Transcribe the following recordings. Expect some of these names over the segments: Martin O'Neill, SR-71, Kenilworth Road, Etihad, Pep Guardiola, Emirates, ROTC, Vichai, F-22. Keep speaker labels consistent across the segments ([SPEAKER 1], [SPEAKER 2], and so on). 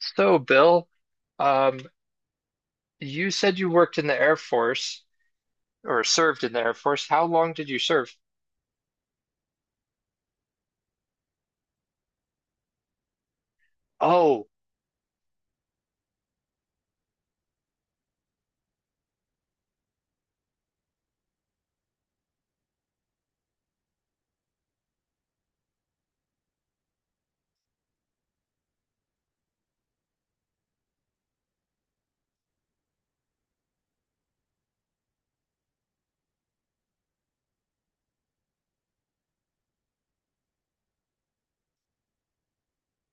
[SPEAKER 1] So, Bill, um, you said you worked in the Air Force or served in the Air Force. How long did you serve? Oh,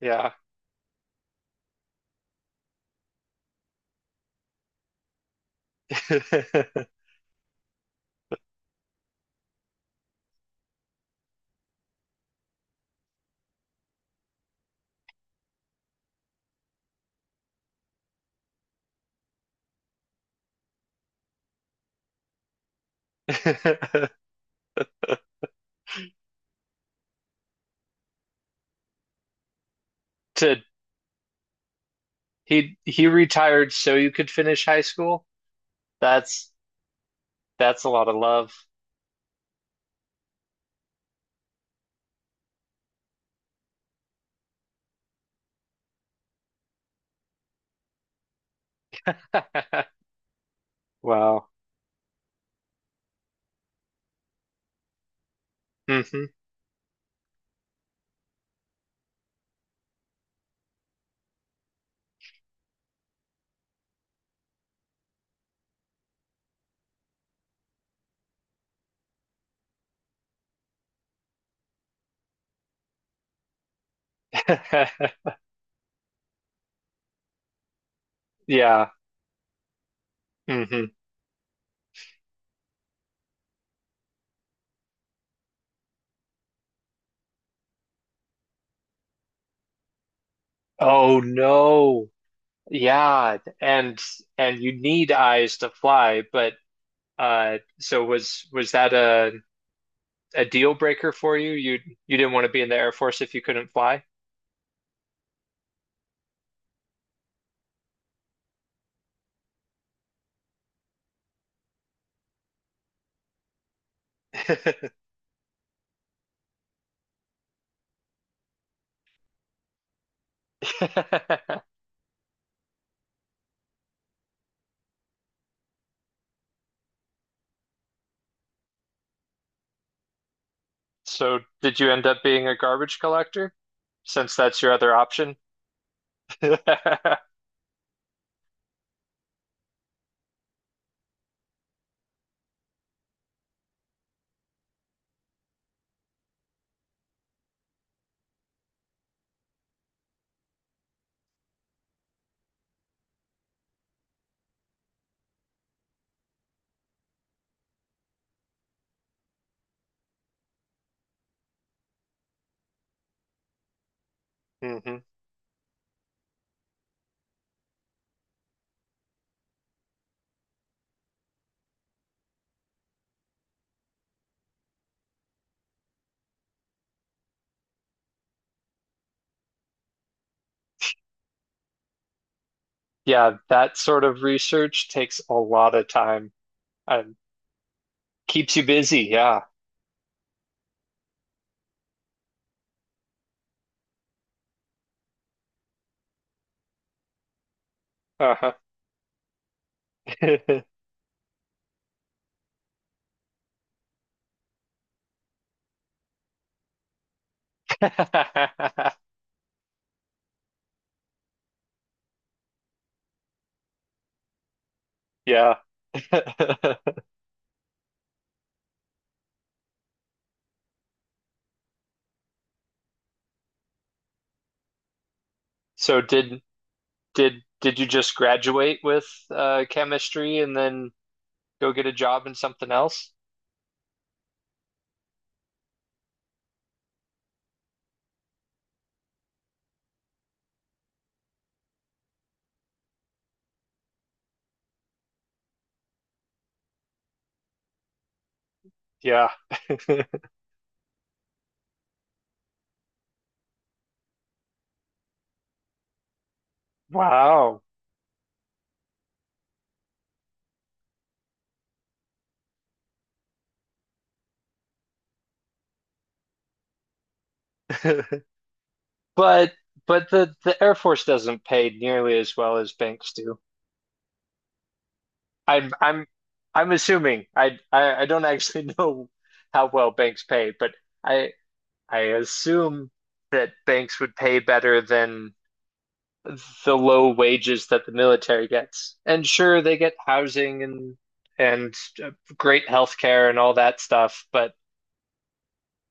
[SPEAKER 1] yeah. To he retired so you could finish high school? That's that's a lot of love. Wow. hmm Yeah. hmm Oh no. Yeah, and you need eyes to fly, but so was that a deal breaker for you? You didn't want to be in the Air Force if you couldn't fly. So did you end up being a garbage collector since that's your other option? hmm Yeah, that sort of research takes a lot of time and keeps you busy. Yeah. Uh-huh. Yeah. So did you just graduate with chemistry and then go get a job in something else? Yeah. Wow. But the Air Force doesn't pay nearly as well as banks do. I'm I'm I'm assuming. I don't actually know how well banks pay, but I I assume that banks would pay better than the low wages that the military gets. And sure, they get housing and uh, great healthcare and all that stuff, but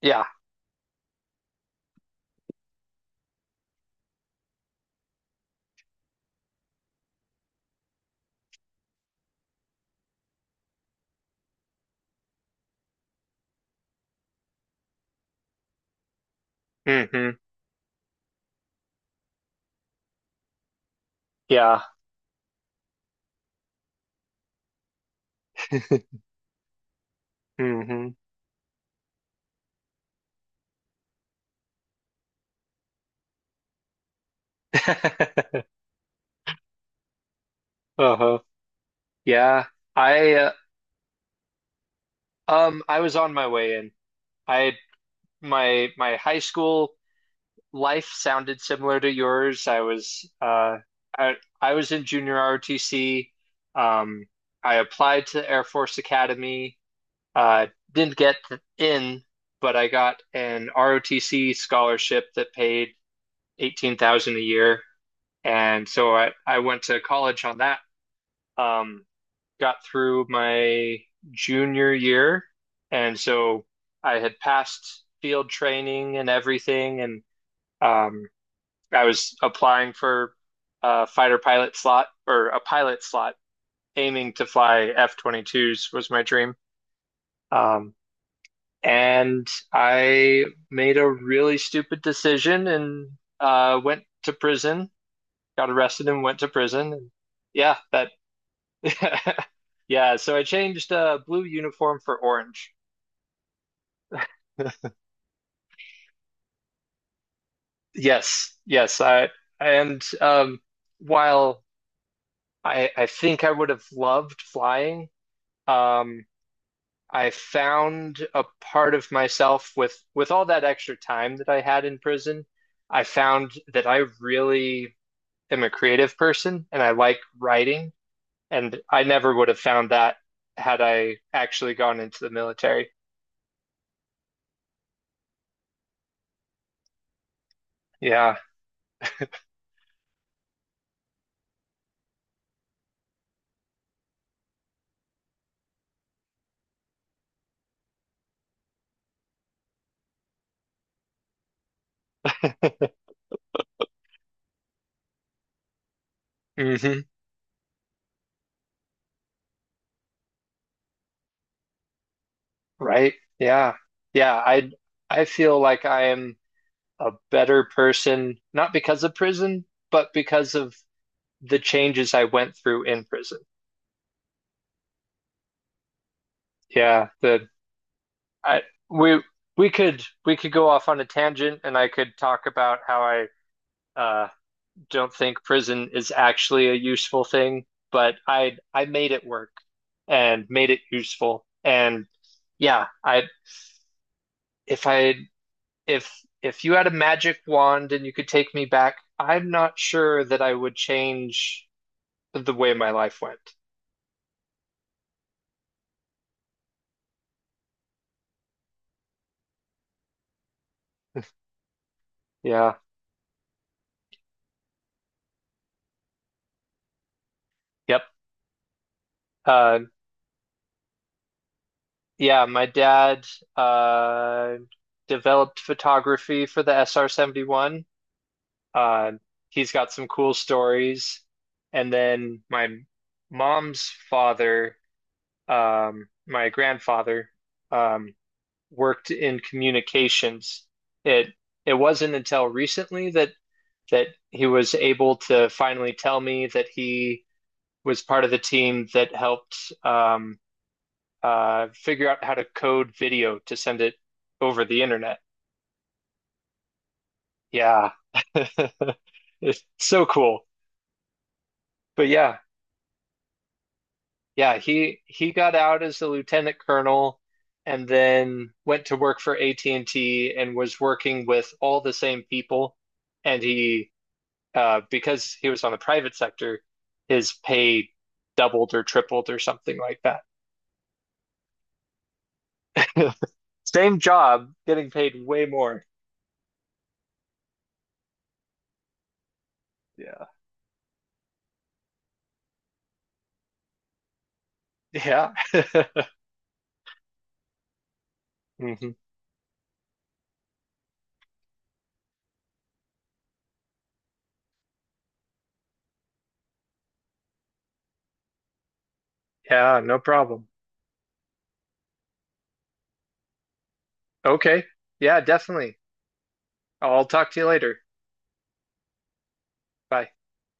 [SPEAKER 1] yeah. hmm Yeah. hmm Uh-huh. Yeah, I uh, I was on my way in. I my high school life sounded similar to yours. I was I I was in junior ROTC. Um I applied to Air Force Academy. Uh didn't get in, but I got an ROTC scholarship that paid 18,000 a year. And so I went to college on that. Um got through my junior year. And so I had passed field training and everything. And um, I was applying for a fighter pilot slot or a pilot slot, aiming to fly F-22s was my dream. Um, and I made a really stupid decision and went to prison, got arrested and went to prison. And yeah, that, yeah. So I changed blue uniform for orange. Yes, yes. I and while I think I would have loved flying, um, I found a part of myself with all that extra time that I had in prison. I found that I really am a creative person and I like writing, and I never would have found that had I actually gone into the military. Yeah. hmm Right. Yeah. Yeah. I feel like I am. A better person, not because of prison, but because of the changes I went through in prison. Yeah, the I we we could go off on a tangent and I could talk about how I uh don't think prison is actually a useful thing, but I made it work and made it useful. And yeah, I if I if if you had a magic wand and you could take me back, I'm not sure that I would change the way my life went. Yeah. Yep. Uh, yeah, my dad uh, developed photography for the SR-71. Uh, he's got some cool stories. And then my mom's father, my grandfather, um, worked in communications. It it wasn't until recently that that he was able to finally tell me that he was part of the team that helped figure out how to code video to send it over the internet. Yeah. It's so cool. But yeah, yeah, he got out as a lieutenant colonel and then went to work for AT&T and T and was working with all the same people. And he because he was on the private sector, his pay doubled or tripled or something like that. Same job, getting paid way more. Yeah. Yeah. hmm Yeah, no problem. Okay. Yeah, definitely. I'll talk to you later. Bye.